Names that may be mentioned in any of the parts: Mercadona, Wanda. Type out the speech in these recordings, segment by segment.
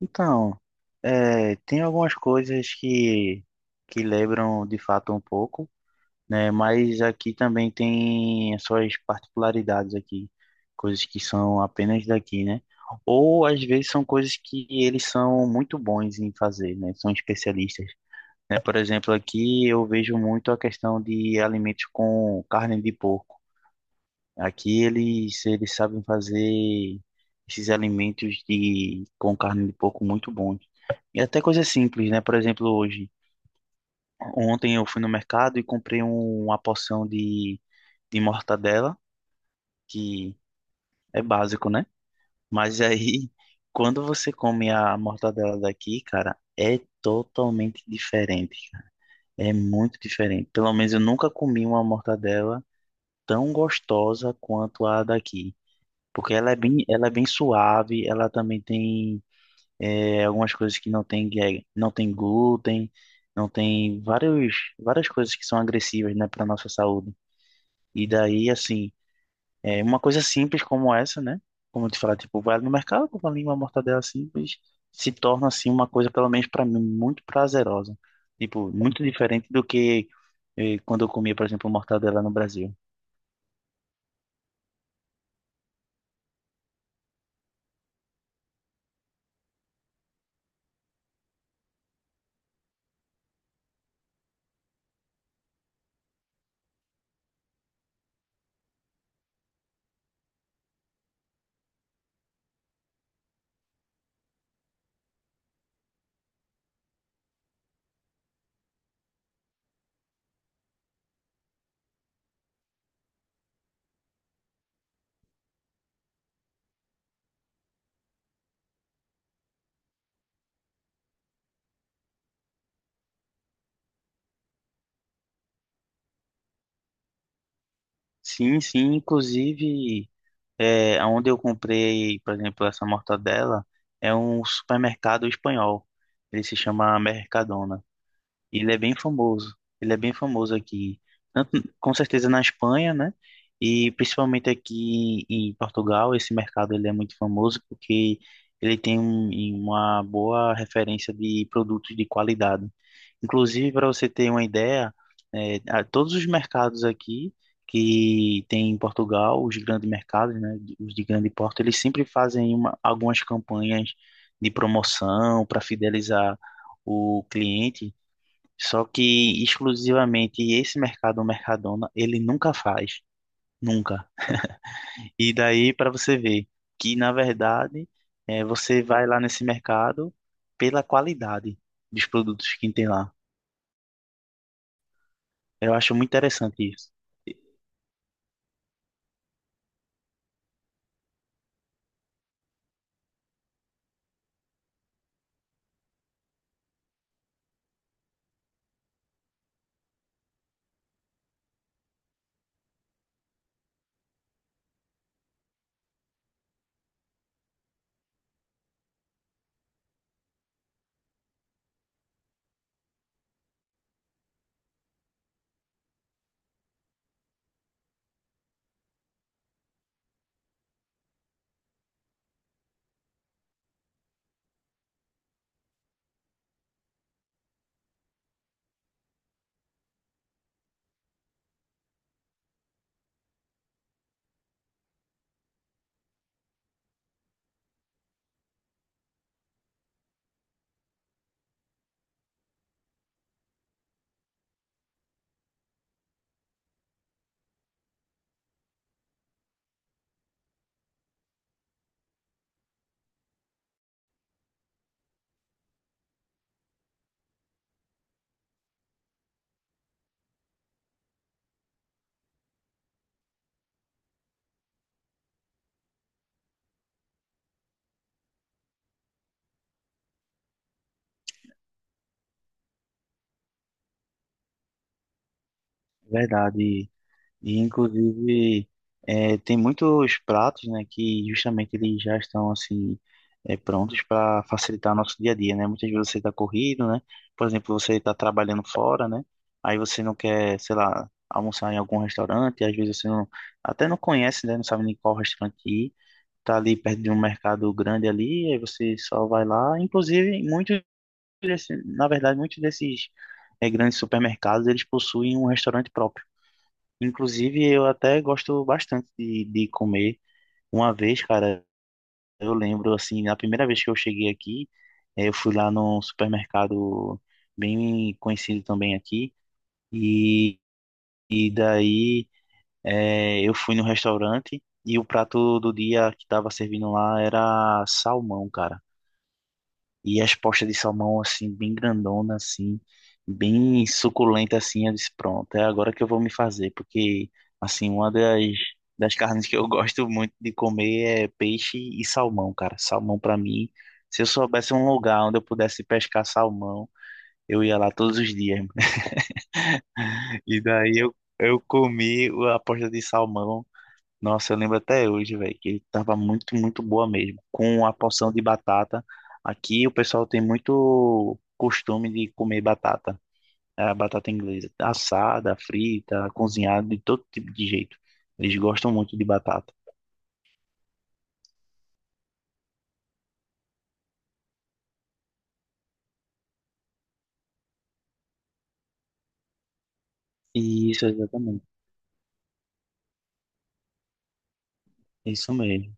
Então, tem algumas coisas que lembram de fato um pouco, né? Mas aqui também tem as suas particularidades aqui, coisas que são apenas daqui, né? Ou às vezes são coisas que eles são muito bons em fazer, né? São especialistas, né? Por exemplo, aqui eu vejo muito a questão de alimentos com carne de porco. Aqui eles sabem fazer esses alimentos de, com carne de porco muito bons. E até coisa simples, né? Por exemplo, ontem eu fui no mercado e comprei uma porção de mortadela, que é básico, né? Mas aí, quando você come a mortadela daqui, cara, é totalmente diferente, cara. É muito diferente. Pelo menos eu nunca comi uma mortadela tão gostosa quanto a daqui. Porque ela é bem suave, ela também tem algumas coisas que não tem, não tem glúten, não tem várias coisas que são agressivas, né, para nossa saúde. E daí, assim, é uma coisa simples como essa, né? Como eu te falar, tipo, vai no mercado, compra ali uma mortadela simples, se torna, assim, uma coisa, pelo menos para mim, muito prazerosa. Tipo, muito diferente do que quando eu comia, por exemplo, mortadela no Brasil. Sim, sim, inclusive. É, onde eu comprei, por exemplo, essa mortadela é um supermercado espanhol. Ele se chama Mercadona. Ele é bem famoso. Ele é bem famoso aqui, tanto, com certeza na Espanha, né? E principalmente aqui em Portugal, esse mercado ele é muito famoso porque ele tem uma boa referência de produtos de qualidade. Inclusive, para você ter uma ideia, é, todos os mercados aqui que tem em Portugal, os grandes mercados, né, os de grande porte, eles sempre fazem uma, algumas campanhas de promoção para fidelizar o cliente, só que exclusivamente esse mercado, o Mercadona, ele nunca faz, nunca. E daí para você ver que na verdade você vai lá nesse mercado pela qualidade dos produtos que tem lá. Eu acho muito interessante isso. Verdade. E, inclusive, tem muitos pratos, né, que justamente eles já estão, assim, prontos para facilitar nosso dia a dia, né? Muitas vezes você está corrido, né? Por exemplo, você está trabalhando fora, né? Aí você não quer, sei lá, almoçar em algum restaurante, às vezes você não, até não conhece, né? Não sabe nem qual restaurante ir. Tá ali perto de um mercado grande ali, aí você só vai lá. Inclusive, muitos desses, na verdade, muitos desses grandes supermercados, eles possuem um restaurante próprio. Inclusive, eu até gosto bastante de comer. Uma vez, cara, eu lembro, assim, na primeira vez que eu cheguei aqui, eu fui lá num supermercado bem conhecido também aqui, e, e daí eu fui no restaurante e o prato do dia que tava servindo lá era salmão, cara. E as postas de salmão, assim, bem grandona, assim, bem suculenta, assim, eu disse, pronto, é agora que eu vou me fazer, porque, assim, uma das, das carnes que eu gosto muito de comer é peixe e salmão, cara. Salmão, pra mim, se eu soubesse um lugar onde eu pudesse pescar salmão, eu ia lá todos os dias. E daí eu comi a posta de salmão. Nossa, eu lembro até hoje, velho, que ele tava muito boa mesmo. Com a porção de batata. Aqui o pessoal tem muito costume de comer batata. É a batata inglesa. Assada, frita, cozinhada, de todo tipo de jeito. Eles gostam muito de batata. Isso, exatamente. Isso mesmo.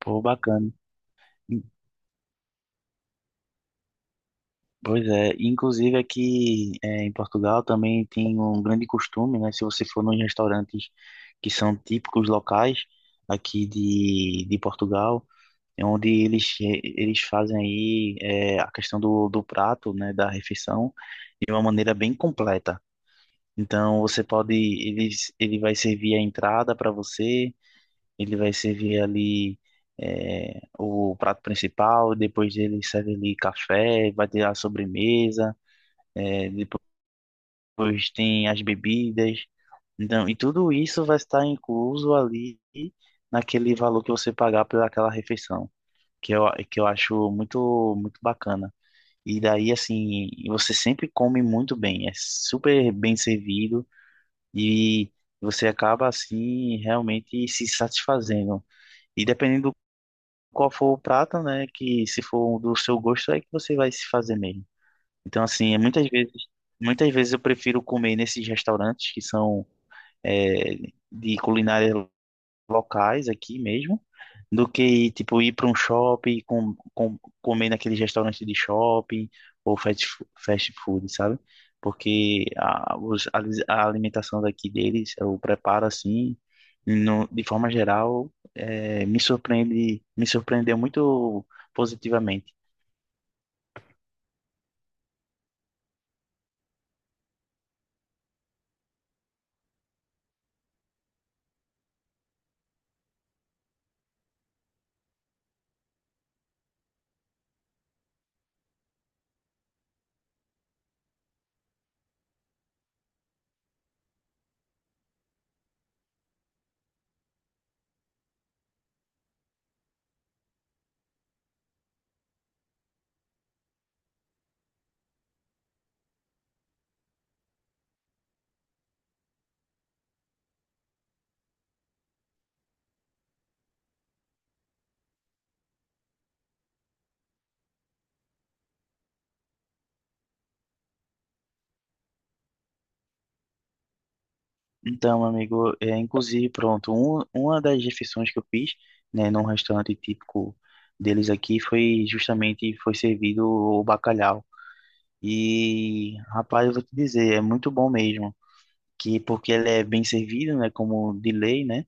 Pô, bacana. Pois é, inclusive aqui em Portugal também tem um grande costume, né? Se você for nos restaurantes que são típicos locais aqui de Portugal, é onde eles, eles fazem aí é, a questão do, do prato, né, da refeição, de uma maneira bem completa. Então você pode, ele vai servir a entrada para você, ele vai servir ali é, o prato principal, depois ele serve ali café, vai ter a sobremesa, é, depois tem as bebidas. Então, e tudo isso vai estar incluso ali naquele valor que você pagar por aquela refeição que eu, que eu acho muito, muito bacana. E daí, assim, você sempre come muito bem, é super bem servido e você acaba, assim, realmente se satisfazendo. E dependendo qual for o prato, né, que se for um do seu gosto, é que você vai se fazer mesmo. Então, assim, é muitas vezes eu prefiro comer nesses restaurantes que são, é, de culinária locais aqui mesmo, do que tipo ir para um shopping, comer naquele restaurante de shopping ou fast food, sabe? Porque a alimentação daqui deles, o preparo assim, no, de forma geral, é, me surpreende, me surpreendeu muito positivamente. Então, amigo, é, inclusive, pronto, um, uma das refeições que eu fiz, né, num restaurante típico deles aqui foi justamente foi servido o bacalhau. E, rapaz, eu vou te dizer, é muito bom mesmo. Que porque ele é bem servido, né? Como de lei, né?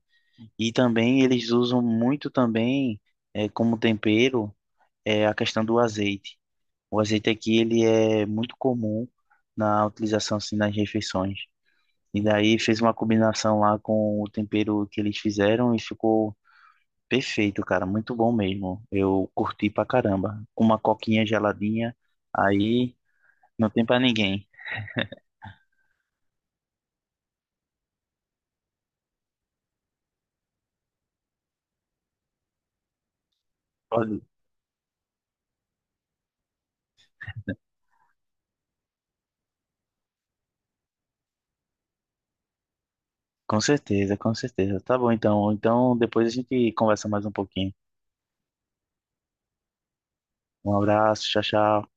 E também eles usam muito também é, como tempero é, a questão do azeite. O azeite aqui ele é muito comum na utilização assim, nas refeições. E daí fez uma combinação lá com o tempero que eles fizeram e ficou perfeito, cara. Muito bom mesmo. Eu curti pra caramba. Com uma coquinha geladinha, aí não tem pra ninguém. Com certeza, com certeza. Tá bom, então. Então, depois a gente conversa mais um pouquinho. Um abraço, tchau, tchau.